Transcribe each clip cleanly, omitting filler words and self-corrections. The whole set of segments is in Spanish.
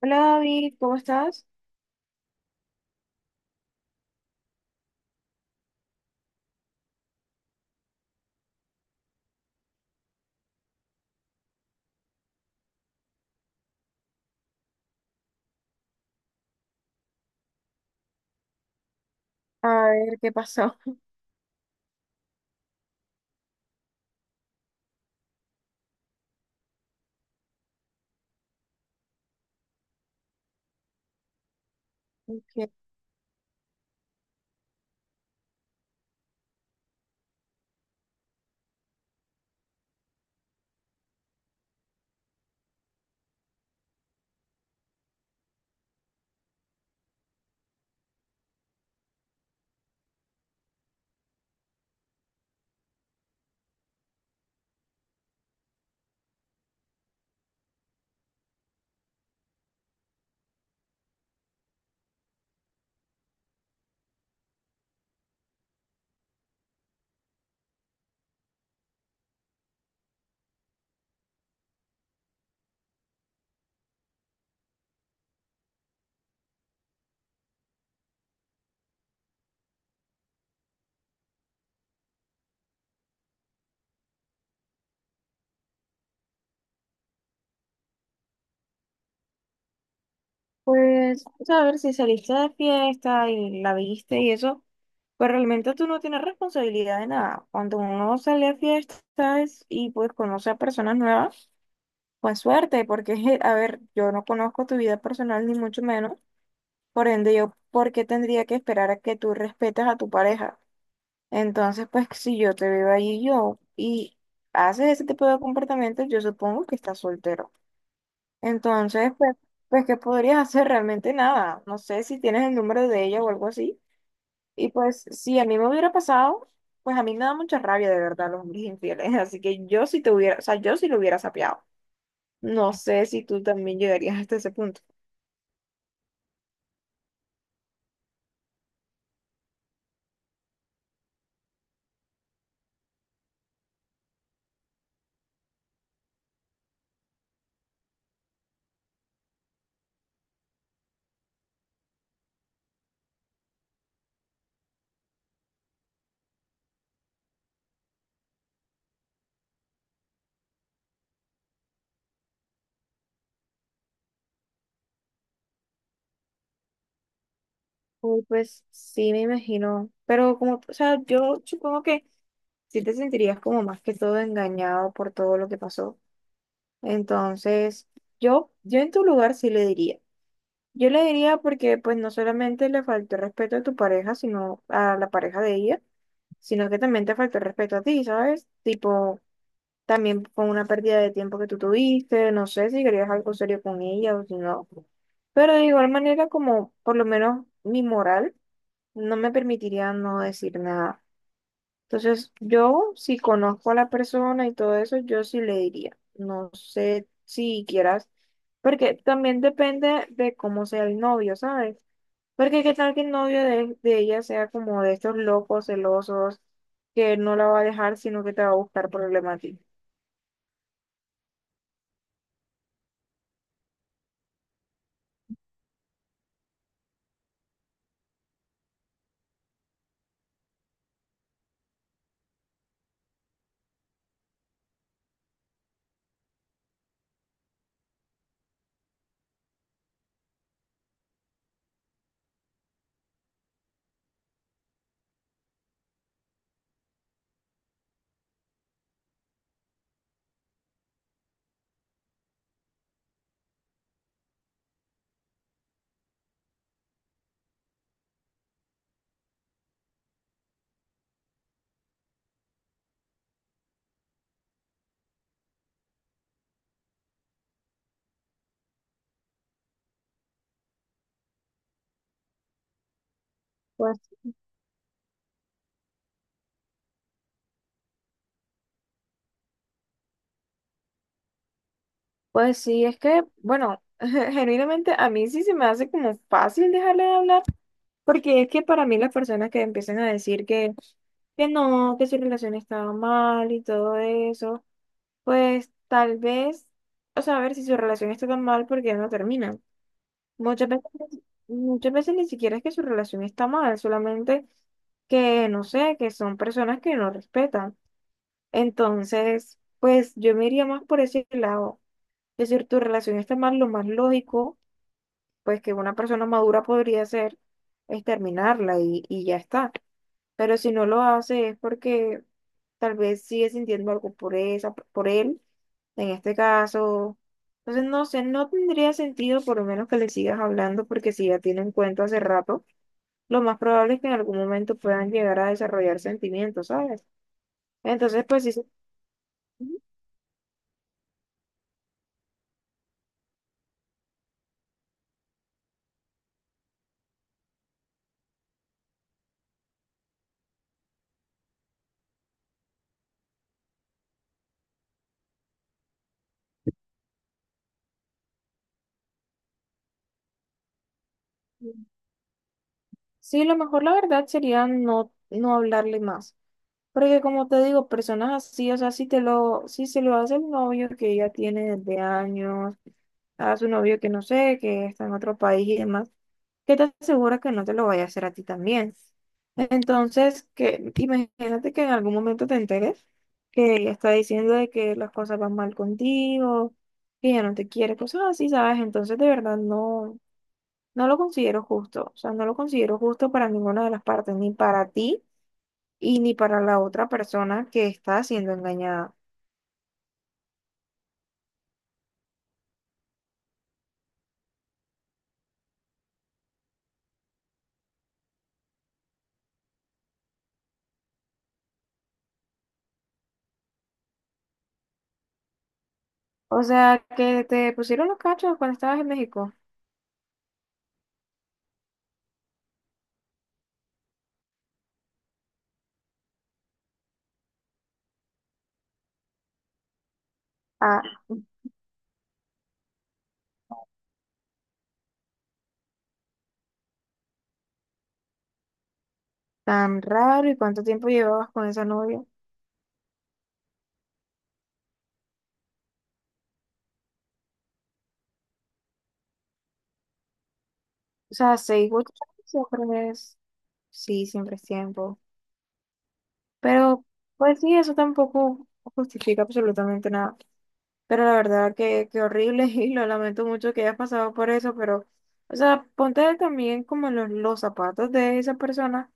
Hola David, ¿cómo estás? A ver, ¿qué pasó? Ok, pues, o sea, a ver si saliste de fiesta y la viste y eso, pues realmente tú no tienes responsabilidad de nada. Cuando uno sale a fiestas y pues conoce a personas nuevas, pues suerte, porque, a ver, yo no conozco tu vida personal ni mucho menos, por ende yo, ¿por qué tendría que esperar a que tú respetes a tu pareja? Entonces, pues si yo te veo ahí yo y haces ese tipo de comportamientos, yo supongo que estás soltero. Entonces, pues, ¿qué podrías hacer? Realmente nada. No sé si tienes el número de ella o algo así. Y pues, si a mí me hubiera pasado, pues a mí me da mucha rabia de verdad los hombres infieles. Así que yo sí te hubiera, o sea, yo sí lo hubiera sapeado. No sé si tú también llegarías hasta ese punto. Uy, pues sí, me imagino. Pero como, o sea, yo supongo que sí te sentirías como más que todo engañado por todo lo que pasó. Entonces, yo en tu lugar sí le diría. Yo le diría porque pues no solamente le faltó el respeto a tu pareja, sino a la pareja de ella, sino que también te faltó el respeto a ti, ¿sabes? Tipo, también con una pérdida de tiempo que tú tuviste, no sé si querías algo serio con ella o si no. Pero de igual manera, como por lo menos mi moral no me permitiría no decir nada. Entonces, yo si conozco a la persona y todo eso, yo sí le diría. No sé si quieras, porque también depende de cómo sea el novio, ¿sabes? Porque qué tal que el novio de ella sea como de estos locos celosos que no la va a dejar, sino que te va a buscar problemas a ti. Pues, pues sí, es que, bueno, genuinamente a mí sí se me hace como fácil dejarle de hablar, porque es que para mí las personas que empiezan a decir que no, que su relación estaba mal y todo eso, pues tal vez, o sea, a ver si su relación está tan mal, ¿porque no termina? Muchas veces, muchas veces ni siquiera es que su relación está mal, solamente que, no sé, que son personas que no respetan. Entonces, pues yo me iría más por ese lado. Es decir, tu relación está mal, lo más lógico, pues que una persona madura podría hacer es terminarla y ya está. Pero si no lo hace es porque tal vez sigue sintiendo algo por esa, por él en este caso, entonces no sé, no tendría sentido por lo menos que le sigas hablando porque si ya tienen cuento hace rato, lo más probable es que en algún momento puedan llegar a desarrollar sentimientos, ¿sabes? Entonces, pues sí, sí, lo mejor la verdad sería no, no hablarle más. Porque como te digo, personas así, o sea, si se lo hace el novio que ella tiene desde años, a su novio que no sé, que está en otro país y demás, qué te aseguras que no te lo vaya a hacer a ti también. Entonces, que imagínate que en algún momento te enteres que ella está diciendo de que las cosas van mal contigo, que ella no te quiere, cosas así, ¿sabes? Entonces, de verdad, no, no lo considero justo. O sea, no lo considero justo para ninguna de las partes, ni para ti y ni para la otra persona que está siendo engañada. O sea, que te pusieron los cachos cuando estabas en México. Ah, tan raro, ¿y cuánto tiempo llevabas con esa novia? O sea, seis u ocho años siempre es, sí, siempre es tiempo. Pero, pues sí, eso tampoco justifica absolutamente nada. Pero la verdad que horrible y lo lamento mucho que hayas pasado por eso, pero, o sea, ponte también como en los zapatos de esa persona.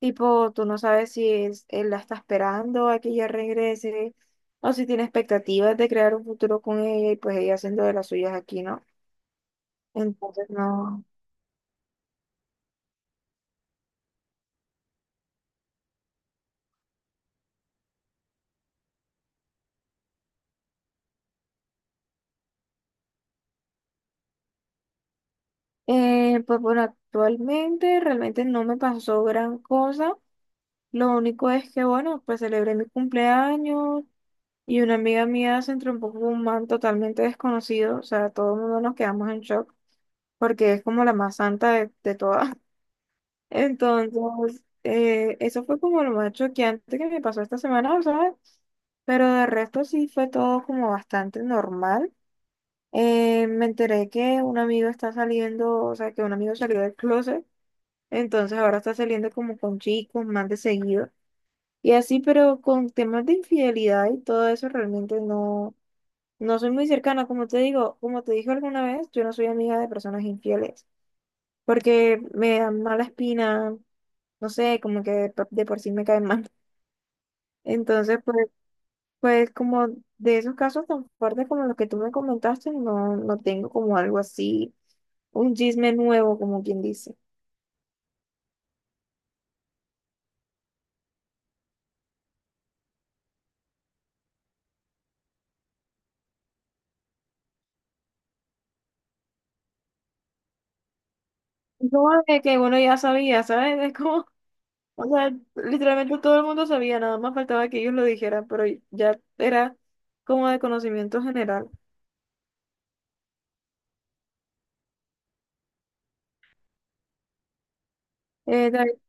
Tipo, tú no sabes si es, él la está esperando a que ella regrese o si tiene expectativas de crear un futuro con ella y pues ella haciendo de las suyas aquí, ¿no? Entonces, no. Pues bueno, actualmente realmente no me pasó gran cosa. Lo único es que, bueno, pues celebré mi cumpleaños y una amiga mía se entrompó con un man totalmente desconocido. O sea, todo el mundo nos quedamos en shock porque es como la más santa de todas. Entonces, eso fue como lo más choqueante que me pasó esta semana, ¿sabes? Pero de resto sí fue todo como bastante normal. Me enteré que un amigo está saliendo, o sea, que un amigo salió del closet. Entonces ahora está saliendo como con chicos más de seguido y así, pero con temas de infidelidad y todo eso realmente no, no soy muy cercana. Como te digo, como te dije alguna vez, yo no soy amiga de personas infieles porque me dan mala espina, no sé, como que de por sí me caen mal. Entonces, pues, como de esos casos tan fuertes como los que tú me comentaste, no, no tengo como algo así, un chisme nuevo, como quien dice. Como de que uno ya sabía, ¿sabes? Es como... O sea, literalmente todo el mundo sabía, nada más faltaba que ellos lo dijeran, pero ya era como de conocimiento general. David,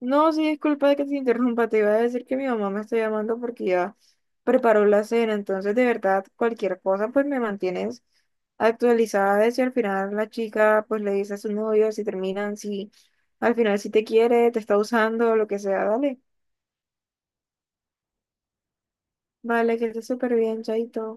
no, sí, disculpa de que te interrumpa, te iba a decir que mi mamá me está llamando porque ya preparó la cena, entonces de verdad cualquier cosa pues me mantienes actualizada de si al final la chica pues le dice a su novio, si terminan, si al final si te quiere, te está usando, lo que sea, dale. Vale, que estés súper bien, chaito.